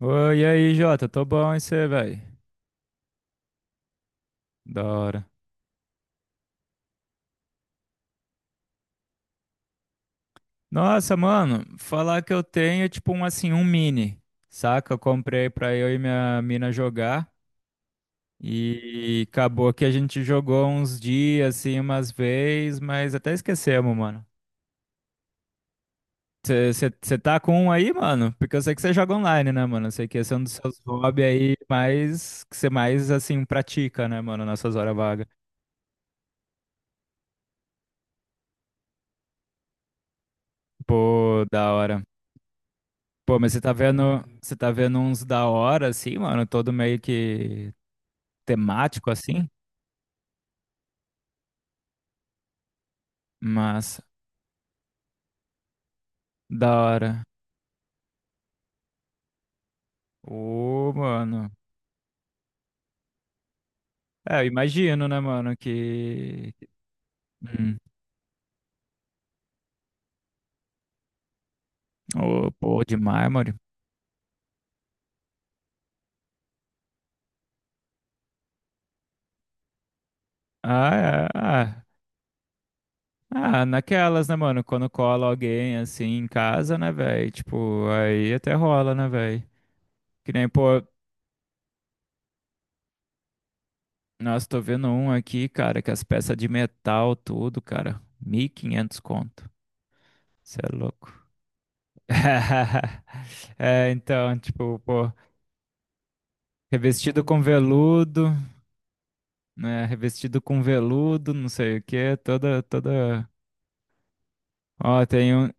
Oi, e aí, Jota, tô bom e você, velho? Da hora. Nossa, mano, falar que eu tenho é tipo um assim, um mini, saca? Eu comprei pra eu e minha mina jogar e acabou que a gente jogou uns dias assim, umas vezes, mas até esquecemos, mano. Você tá com um aí, mano? Porque eu sei que você joga online, né, mano? Eu sei que esse é um dos seus hobbies aí mais que você mais assim pratica, né, mano, nas suas horas vagas. Pô, da hora. Pô, mas você tá vendo uns da hora, assim, mano, todo meio que temático, assim, mas da hora. Ô, mano. É, eu imagino, né, mano, que... Hum. Ô, pô, de mármore. Ah, é, ah, ah, naquelas, né, mano, quando cola alguém, assim, em casa, né, velho, tipo, aí até rola, né, velho. Que nem, pô, nossa, tô vendo um aqui, cara, que as peças de metal, tudo, cara, 1.500 conto. Você é louco. É, então, tipo, pô, revestido com veludo, né? Revestido com veludo, não sei o quê, toda, toda. Ó, tem um.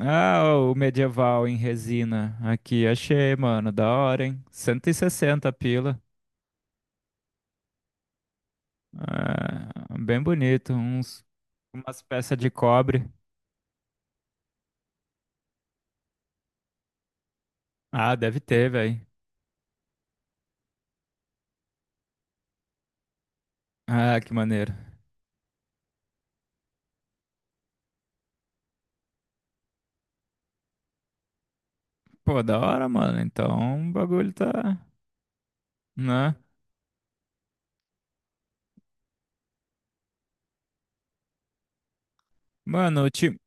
Ah, ó, o medieval em resina aqui, achei, mano, da hora, hein? 160 pila. É, bem bonito, uns, umas peças de cobre. Ah, deve ter, velho. Ah, que maneiro. Pô, da hora, mano. Então, o bagulho tá, né? Mano, ulti-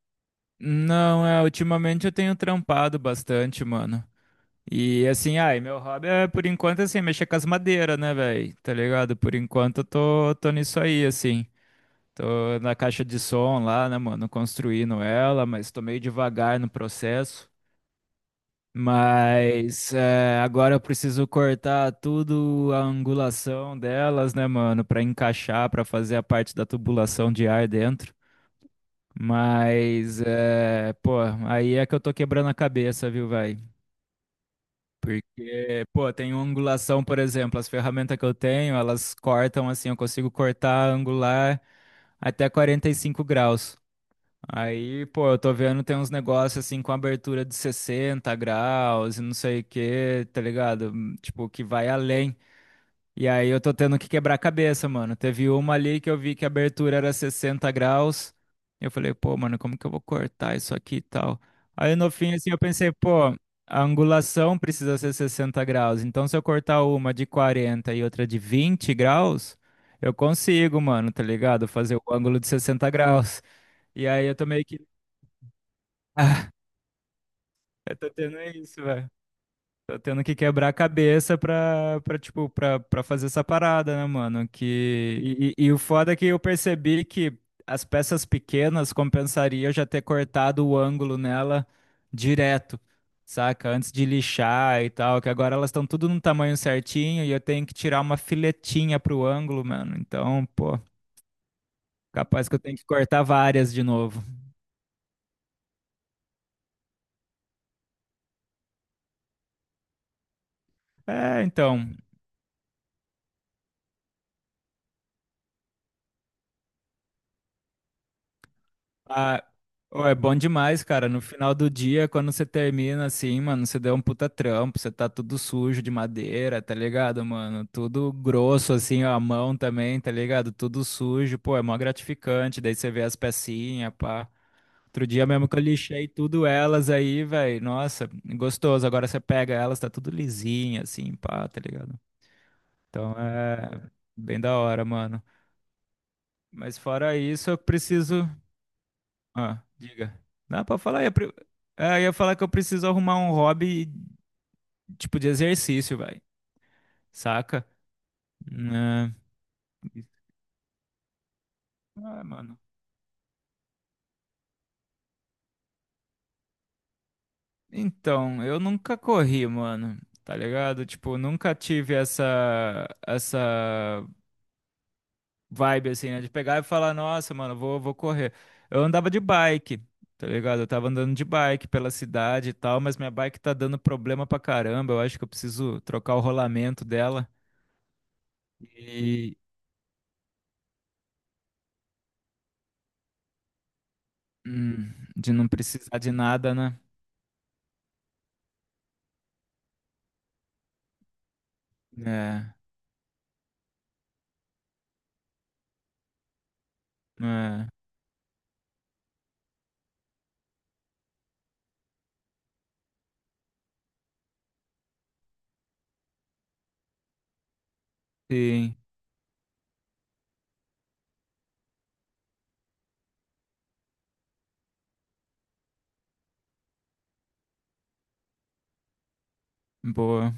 Não, é, ultimamente eu tenho trampado bastante, mano. E assim, ai, meu hobby é por enquanto assim, mexer com as madeiras, né, velho? Tá ligado? Por enquanto eu tô nisso aí, assim. Tô na caixa de som lá, né, mano? Construindo ela, mas tô meio devagar no processo. Mas é, agora eu preciso cortar tudo a angulação delas, né, mano? Pra encaixar, pra fazer a parte da tubulação de ar dentro. Mas, é, pô, aí é que eu tô quebrando a cabeça, viu, vai? Porque, pô, tem angulação, por exemplo, as ferramentas que eu tenho, elas cortam assim, eu consigo cortar angular até 45 graus. Aí, pô, eu tô vendo tem uns negócios assim com abertura de 60 graus e não sei o que, tá ligado? Tipo, que vai além. E aí eu tô tendo que quebrar a cabeça, mano. Teve uma ali que eu vi que a abertura era 60 graus. Eu falei, pô, mano, como que eu vou cortar isso aqui e tal? Aí no fim, assim, eu pensei, pô, a angulação precisa ser 60 graus. Então se eu cortar uma de 40 e outra de 20 graus, eu consigo, mano, tá ligado? Fazer o ângulo de 60 graus. E aí eu tô meio que. Eu tô tendo isso, velho. Tô tendo que quebrar a cabeça pra fazer essa parada, né, mano? E o foda é que eu percebi que as peças pequenas compensaria eu já ter cortado o ângulo nela direto, saca? Antes de lixar e tal, que agora elas estão tudo no tamanho certinho e eu tenho que tirar uma filetinha pro ângulo, mano. Então, pô, capaz que eu tenho que cortar várias de novo. É, então. Ah, ô, é bom demais, cara. No final do dia, quando você termina assim, mano, você deu um puta trampo, você tá tudo sujo de madeira, tá ligado, mano? Tudo grosso, assim, ó, a mão também, tá ligado? Tudo sujo, pô, é mó gratificante. Daí você vê as pecinhas, pá. Outro dia mesmo que eu lixei tudo elas aí, velho. Nossa, gostoso. Agora você pega elas, tá tudo lisinha, assim, pá, tá ligado? Então é bem da hora, mano. Mas fora isso, eu preciso. Ah, diga. Não, pode falar. Ah, eu ia falar que eu preciso arrumar um hobby, tipo, de exercício, vai. Saca? Né? Ah, mano. Então, eu nunca corri, mano. Tá ligado? Tipo, nunca tive essa vibe assim, né? De pegar e falar, nossa, mano, vou correr. Eu andava de bike, tá ligado? Eu tava andando de bike pela cidade e tal, mas minha bike tá dando problema pra caramba. Eu acho que eu preciso trocar o rolamento dela. E hum, de não precisar de nada, né? É, é, sim, boa,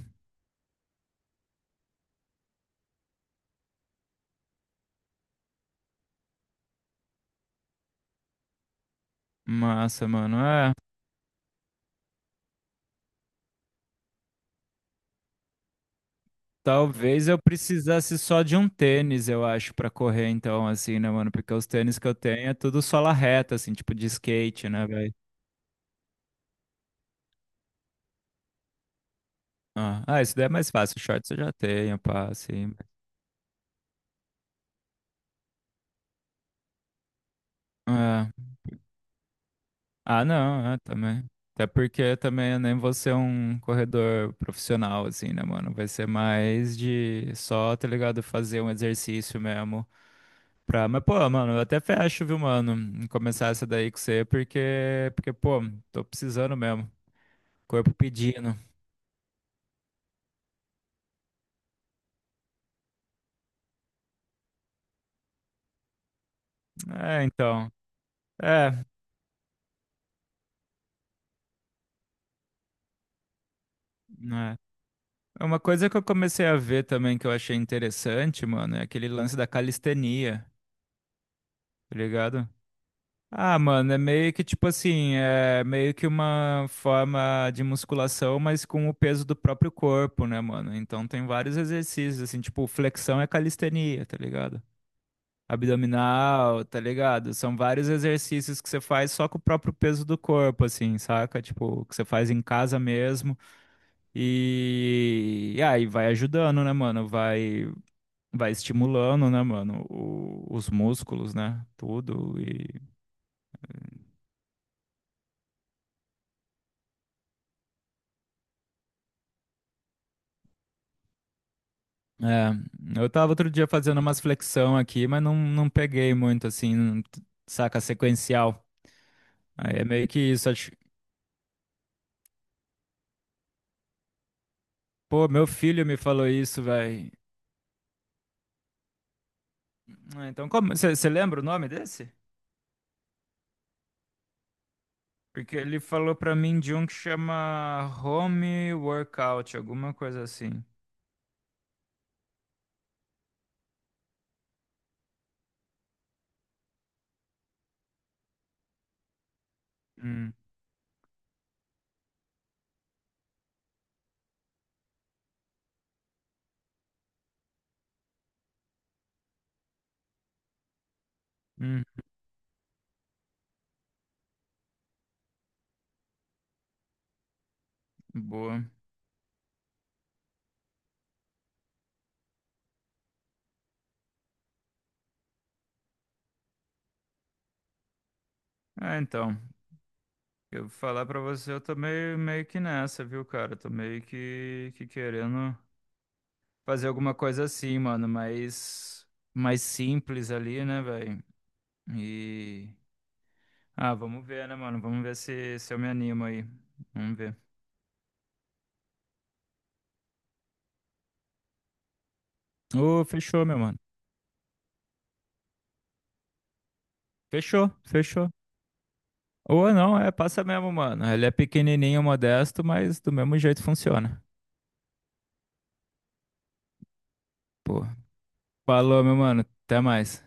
massa, mano. É, talvez eu precisasse só de um tênis, eu acho, pra correr, então, assim, né, mano? Porque os tênis que eu tenho é tudo sola reta, assim, tipo de skate, né, velho? Ah, ah, isso daí é mais fácil, shorts eu já tenho, pá, assim. É. Ah, não, é, também. Até porque também eu nem vou ser um corredor profissional, assim, né, mano? Vai ser mais de só, tá ligado? Fazer um exercício mesmo. Pra, mas, pô, mano, eu até fecho, viu, mano, em começar essa daí com você, porque, pô, tô precisando mesmo. Corpo pedindo. É, então. É, né. Uma coisa que eu comecei a ver também que eu achei interessante, mano, é aquele lance da calistenia, tá ligado? Ah, mano, é meio que tipo assim, é meio que uma forma de musculação, mas com o peso do próprio corpo, né, mano? Então tem vários exercícios, assim, tipo, flexão é calistenia, tá ligado? Abdominal, tá ligado? São vários exercícios que você faz só com o próprio peso do corpo, assim, saca? Tipo, que você faz em casa mesmo e aí vai ajudando, né, mano? Vai, vai, estimulando, né, mano? os músculos, né? Tudo e é, eu tava outro dia fazendo umas flexão aqui, mas não, não peguei muito, assim, saca? Sequencial. Aí é meio que isso, acho. Pô, meu filho me falou isso, velho. Ah, então, como? Você lembra o nome desse? Porque ele falou pra mim de um que chama Home Workout, alguma coisa assim. Hum, hum, boa. É, então, eu vou falar pra você, eu tô meio que nessa, viu, cara? Tô meio que, querendo fazer alguma coisa assim, mano, mais simples ali, né, velho? E. Ah, vamos ver, né, mano? Vamos ver se eu me animo aí. Vamos ver. Ô, fechou, meu mano. Fechou, fechou. Ou não, é, passa mesmo, mano. Ele é pequenininho, modesto, mas do mesmo jeito funciona. Pô, falou, meu mano. Até mais.